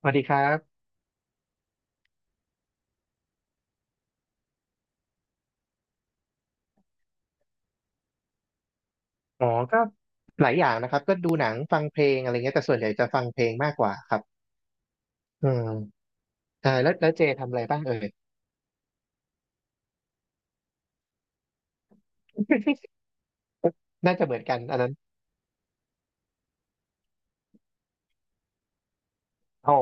สวัสดีครับอ๋อก็หลายอย่างนะครับก็ดูหนังฟังเพลงอะไรเงี้ยแต่ส่วนใหญ่จะฟังเพลงมากกว่าครับอืมใช่แล้วเจทำอะไรบ้างเอ่ย น่าจะเหมือนกันอันนั้นอ๋อ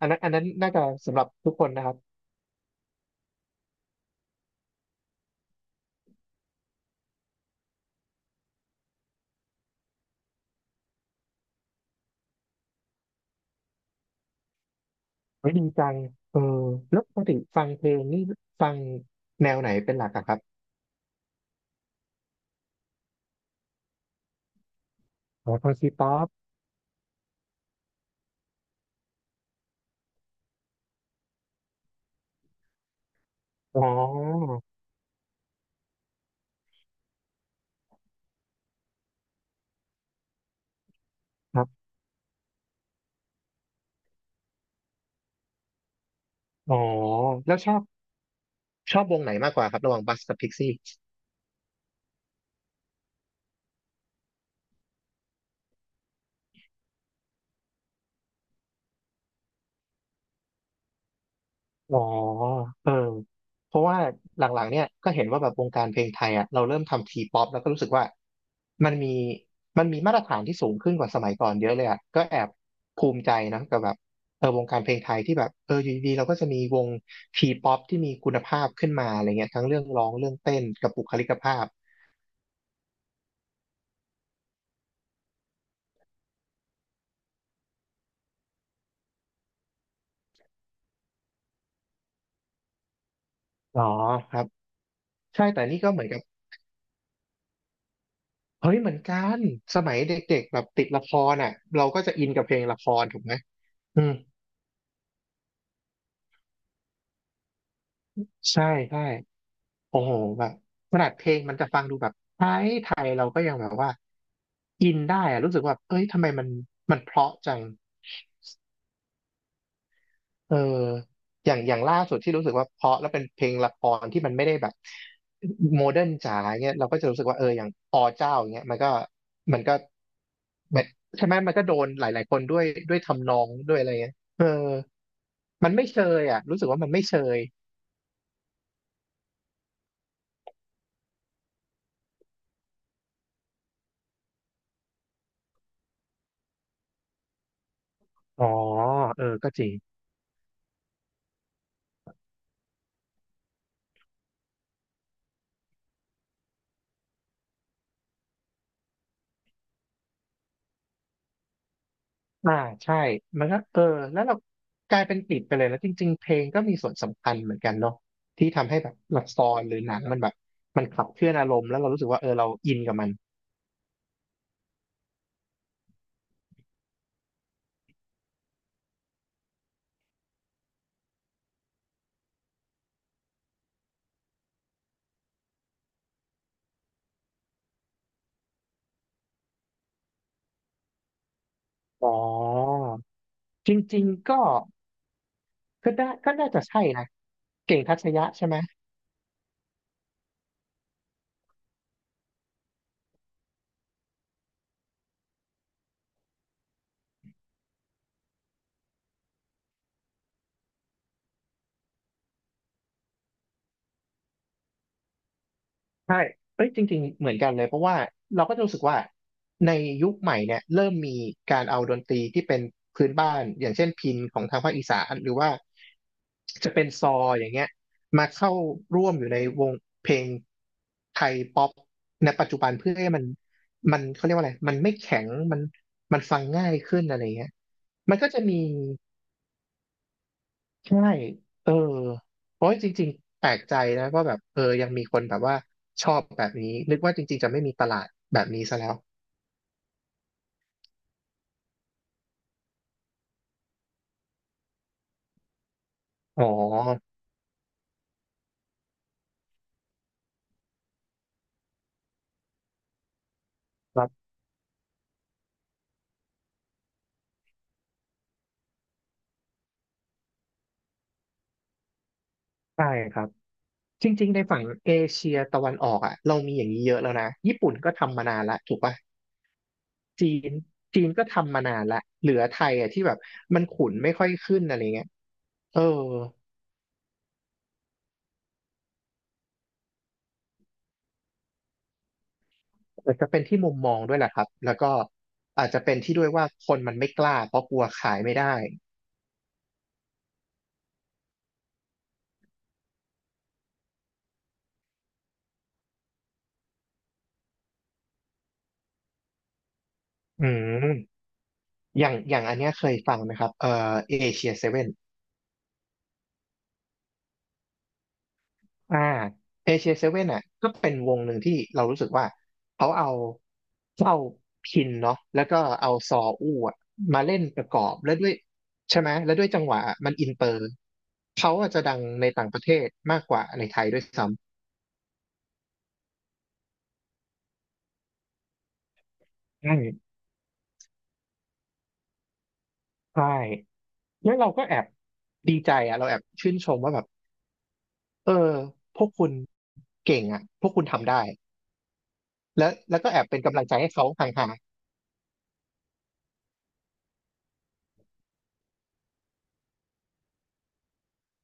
อันนั้นน่าจะสำหรับทุกคนนะครับเฮ้ยดีจังเออแล้วปกติฟังเพลงนี่ฟังแนวไหนเป็นหลักอะครับอ๋อฟังซีป๊อปอ๋อครับอ๋อแล้วชอบวงไหนมากกว่าครับระหว่างบัสกับพิกซี่ อ๋อเออเพราะว่าหลังๆเนี่ยก็เห็นว่าแบบวงการเพลงไทยอ่ะเราเริ่มทำทีป๊อปแล้วก็รู้สึกว่ามันมีมันมีมาตรฐานที่สูงขึ้นกว่าสมัยก่อนเยอะเลยอ่ะก็แอบภูมิใจนะกับแบบเออวงการเพลงไทยที่แบบเอออยู่ดีๆเราก็จะมีวงทีป๊อปที่มีคุณภาพขึ้นมาอะไรเงี้ยทั้งเรื่องร้องเรื่องเต้นกับบุคลิกภาพอ๋อครับใช่แต่นี่ก็เหมือนกับเฮ้ยเหมือนกันสมัยเด็กๆแบบติดละครอ่ะเราก็จะอินกับเพลงละครถูกไหมอืมใช่ใช่ โอ้โหแบบขนาดเพลงมันจะฟังดูแบบไทยไทยเราก็ยังแบบว่าอินได้อะรู้สึกว่าเอ้ยทำไมมันมันเพราะจังเอออย่างอย่างล่าสุดที่รู้สึกว่าเพราะแล้วเป็นเพลงละครที่มันไม่ได้แบบโมเดิร์นจ๋าเงี้ยเราก็จะรู้สึกว่าเอออย่างอเจ้าอย่างเงี้ยมันก็แบบใช่ไหมมันก็โดนหลายๆคนด้วยด้วยทำนองด้วยอะไรเงี้ยเออมันไม่เชยอ่ะรู้สึกว่ามันไม่เชยอ๋อเออก็จริง อ่าใช่มันก็เออแล้วเรากลายเป็นติดไปเลยแล้วจริงๆเพลงก็มีส่วนสำคัญเหมือนกันเนาะที่ทำให้แบบละครหรือหนังมันแบบมันขับเคลื่อนอารมณ์แล้วเรารู้สึกว่าเออเราอินกับมันอ๋อจริงๆก็ก็ได้ก็น่าจะใช่นะเก่งทัชยะใช่ไหม ใช่เอ้ยจริงๆเหมือนกันเลยเพราะว่าเราก็จะรู้สึกว่าในยุคใหม่เนี่ยเริ่มมีการเอาดนตรีที่เป็นพื้นบ้านอย่างเช่นพิณของทางภาคอีสานหรือว่าจะเป็นซออย่างเงี้ยมาเข้าร่วมอยู่ในวงเพลงไทยป๊อปในปัจจุบันเพื่อให้มันมันเขาเรียกว่าอะไรมันไม่แข็งมันมันฟังง่ายขึ้นอะไรเงี้ยมันก็จะมี ใช่เออเพราะจริงๆแปลกใจนะว่าแบบเออยังมีคนแบบว่าชอบแบบนี้นึกว่าจริงๆจะไม่มีตลาดแบบนี้ซะแล้วอ๋อครับใช่ครับจริงๆในฝั่งเอเชียตะวันออกอ่ะเรามีอย่างนี้เยอะแล้วนะญี่ปุ่นก็ทำมานานละถูกป่ะจีนจีนก็ทำมานานละเหลือไทยอ่ะที่แบบมันขุนไม่ค่อยขึ้นอะไรเงี้ยเอออาจจะเป็นที่มุมมองด้วยแหละครับแล้วก็อาจจะเป็นที่ด้วยว่าคนมันไม่กล้าเพราะกลัวขายไม่ได้อืม อย่างอย่างอันเนี้ยเคยฟังไหมครับเอเชียเซเว่นอ่าเอเชียเซเว่นอ่ะก็เป็นวงหนึ่งที่เรารู้สึกว่าเขาเอาเข้าพินเนาะแล้วก็เอาซออู้อะมาเล่นประกอบแล้วด้วยใช่ไหมแล้วด้วยจังหวะมันอินเตอร์เขาอาจจะดังในต่างประเทศมากกว่าในไทยด้วยซ้ำใช่ใช่แล้วเราก็แอบดีใจอ่ะเราแอบชื่นชมว่าแบบเออพวกคุณเก่งอ่ะพวกคุณทำได้แล้วก็แอบเป็นกำลังใจให้เขาห่างๆ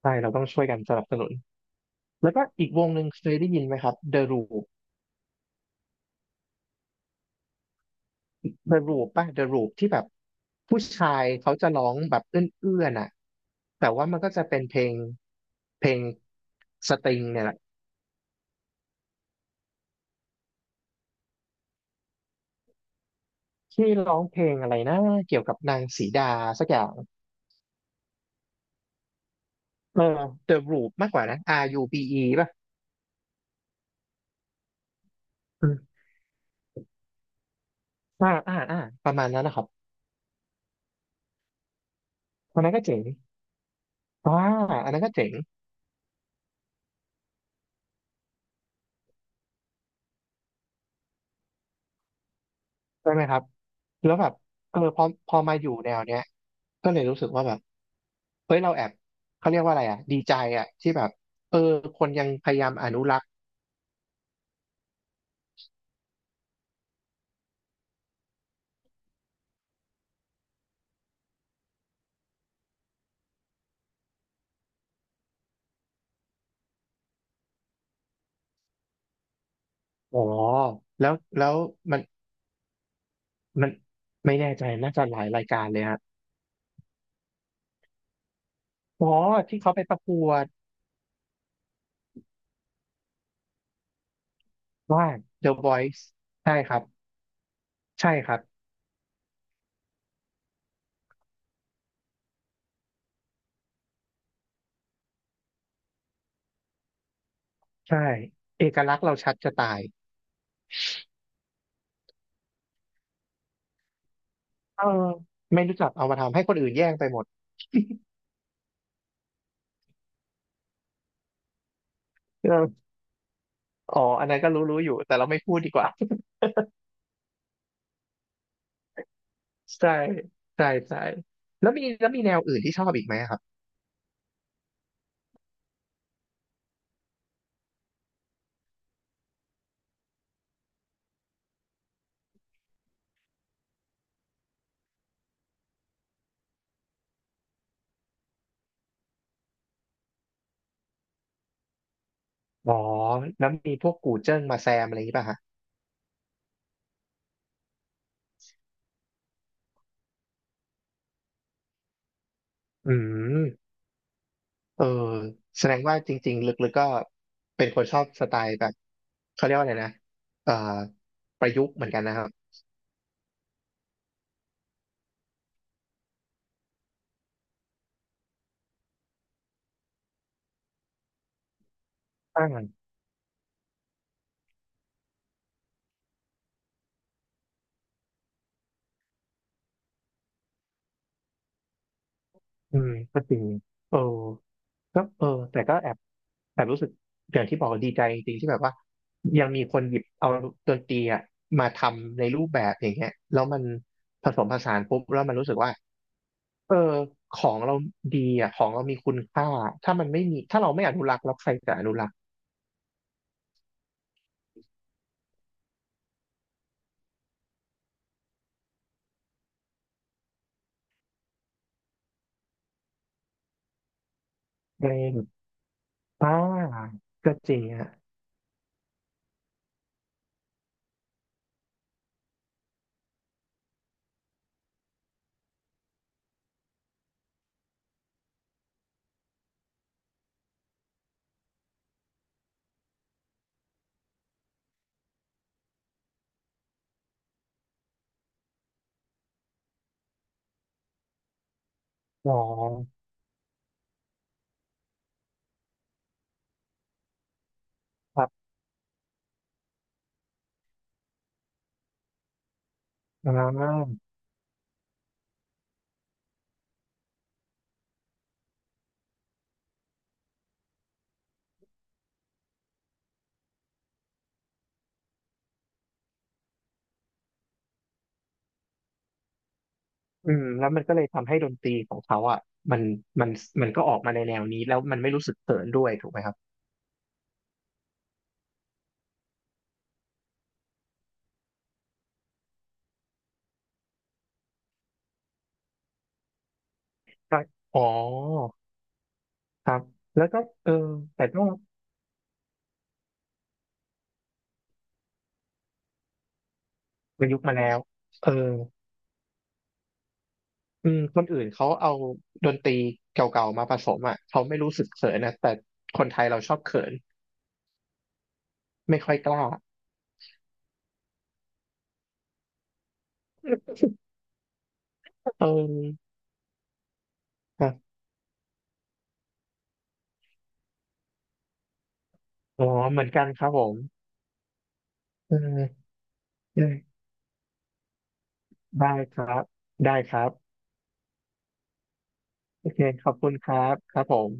ใช่เราต้องช่วยกันสนับสนุนแล้วก็อีกวงหนึ่งเคยได้ยินไหมครับ The Roop The Roop ป่ะ The Roop ที่แบบผู้ชายเขาจะร้องแบบเอื้อนๆอ่ะแต่ว่ามันก็จะเป็นเพลงเพลงสตริงเนี่ยแหละที่ร้องเพลงอะไรนะเกี่ยวกับนางสีดาสักอย่างเออ The Roop มากกว่านะ R U B E ป่ะอืมอ่าอ่าอ่าประมาณนั้นนะครับอันนั้นก็เจ๋งอ่าอันนั้นก็เจ๋งใช่ไหมครับแล้วแบบเออพอมาอยู่แนวเนี้ยก็เลยรู้สึกว่าแบบ เฮ้ยเราแอบเขาเรียกว่าอะไรอ่ะดีใจอ่ะที่แบบเออคนยังพยายามอนุรักษ์อ๋อแล้วแล้วมันมันไม่แน่ใจน่าจะหลายรายการเลยฮะอ๋อที่เขาไปประกวดว่า The Voice ใช่ครับใช่ครับใช่เอกลักษณ์เราชัดจะตายเออไม่รู้จักเอามาทำให้คนอื่นแย่งไปหมดเอออ๋ออันนั้นก็รู้อยู่แต่เราไม่พูดดีกว่า ใช่ใช่ใช่แล้วมีแนวอื่นที่ชอบอีกไหมอะครับอ๋อแล้วมีพวกกูเจิ้งมาแซมอะไรอย่างนี้ป่ะฮะ อืมเออแสดงว่าจริงๆลึกๆก็เป็นคนชอบสไตล์แบบเขาเรียกว่าอะไรนะเอ่อประยุกต์เหมือนกันนะครับอ่าอืมก็จริงเออก็เออแต่ก็แอบแอบรู้สึกอย่างที่บอกดีใจจริงๆที่แบบว่ายังมีคนหยิบเอาดนตรีอะมาทำในรูปแบบอย่างเงี้ยแล้วมันผสมผสานปุ๊บแล้วมันรู้สึกว่าเออของเราดีอ่ะของเรามีคุณค่าถ้ามันไม่มีถ้าเราไม่อนุรักษ์แล้วใครจะอนุรักษ์ อ่าก็จริงอ่ะอ๋อครับอ่าอืมแล้วมันก็เลยทำให้ดนตรีของเขาอ่ะมันมันมันก็ออกมาในแนวนี้แล้วมันไม่รู้สึกเขินด้วยถูกไหมครับก็อ๋อครับแล้วก็เออแต่ต้องประยุกต์มาแล้วเอออืมคนอื่นเขาเอาดนตรีเก่าๆมาผสมอ่ะเขาไม่รู้สึกเขินนะแต่คนไทยเราชอบเขินไม่ค่อยกล้าเออครับอ๋อเหมือนกันครับผมเออได้ได้ครับได้ครับ โอเค ขอบคุณครับครับผม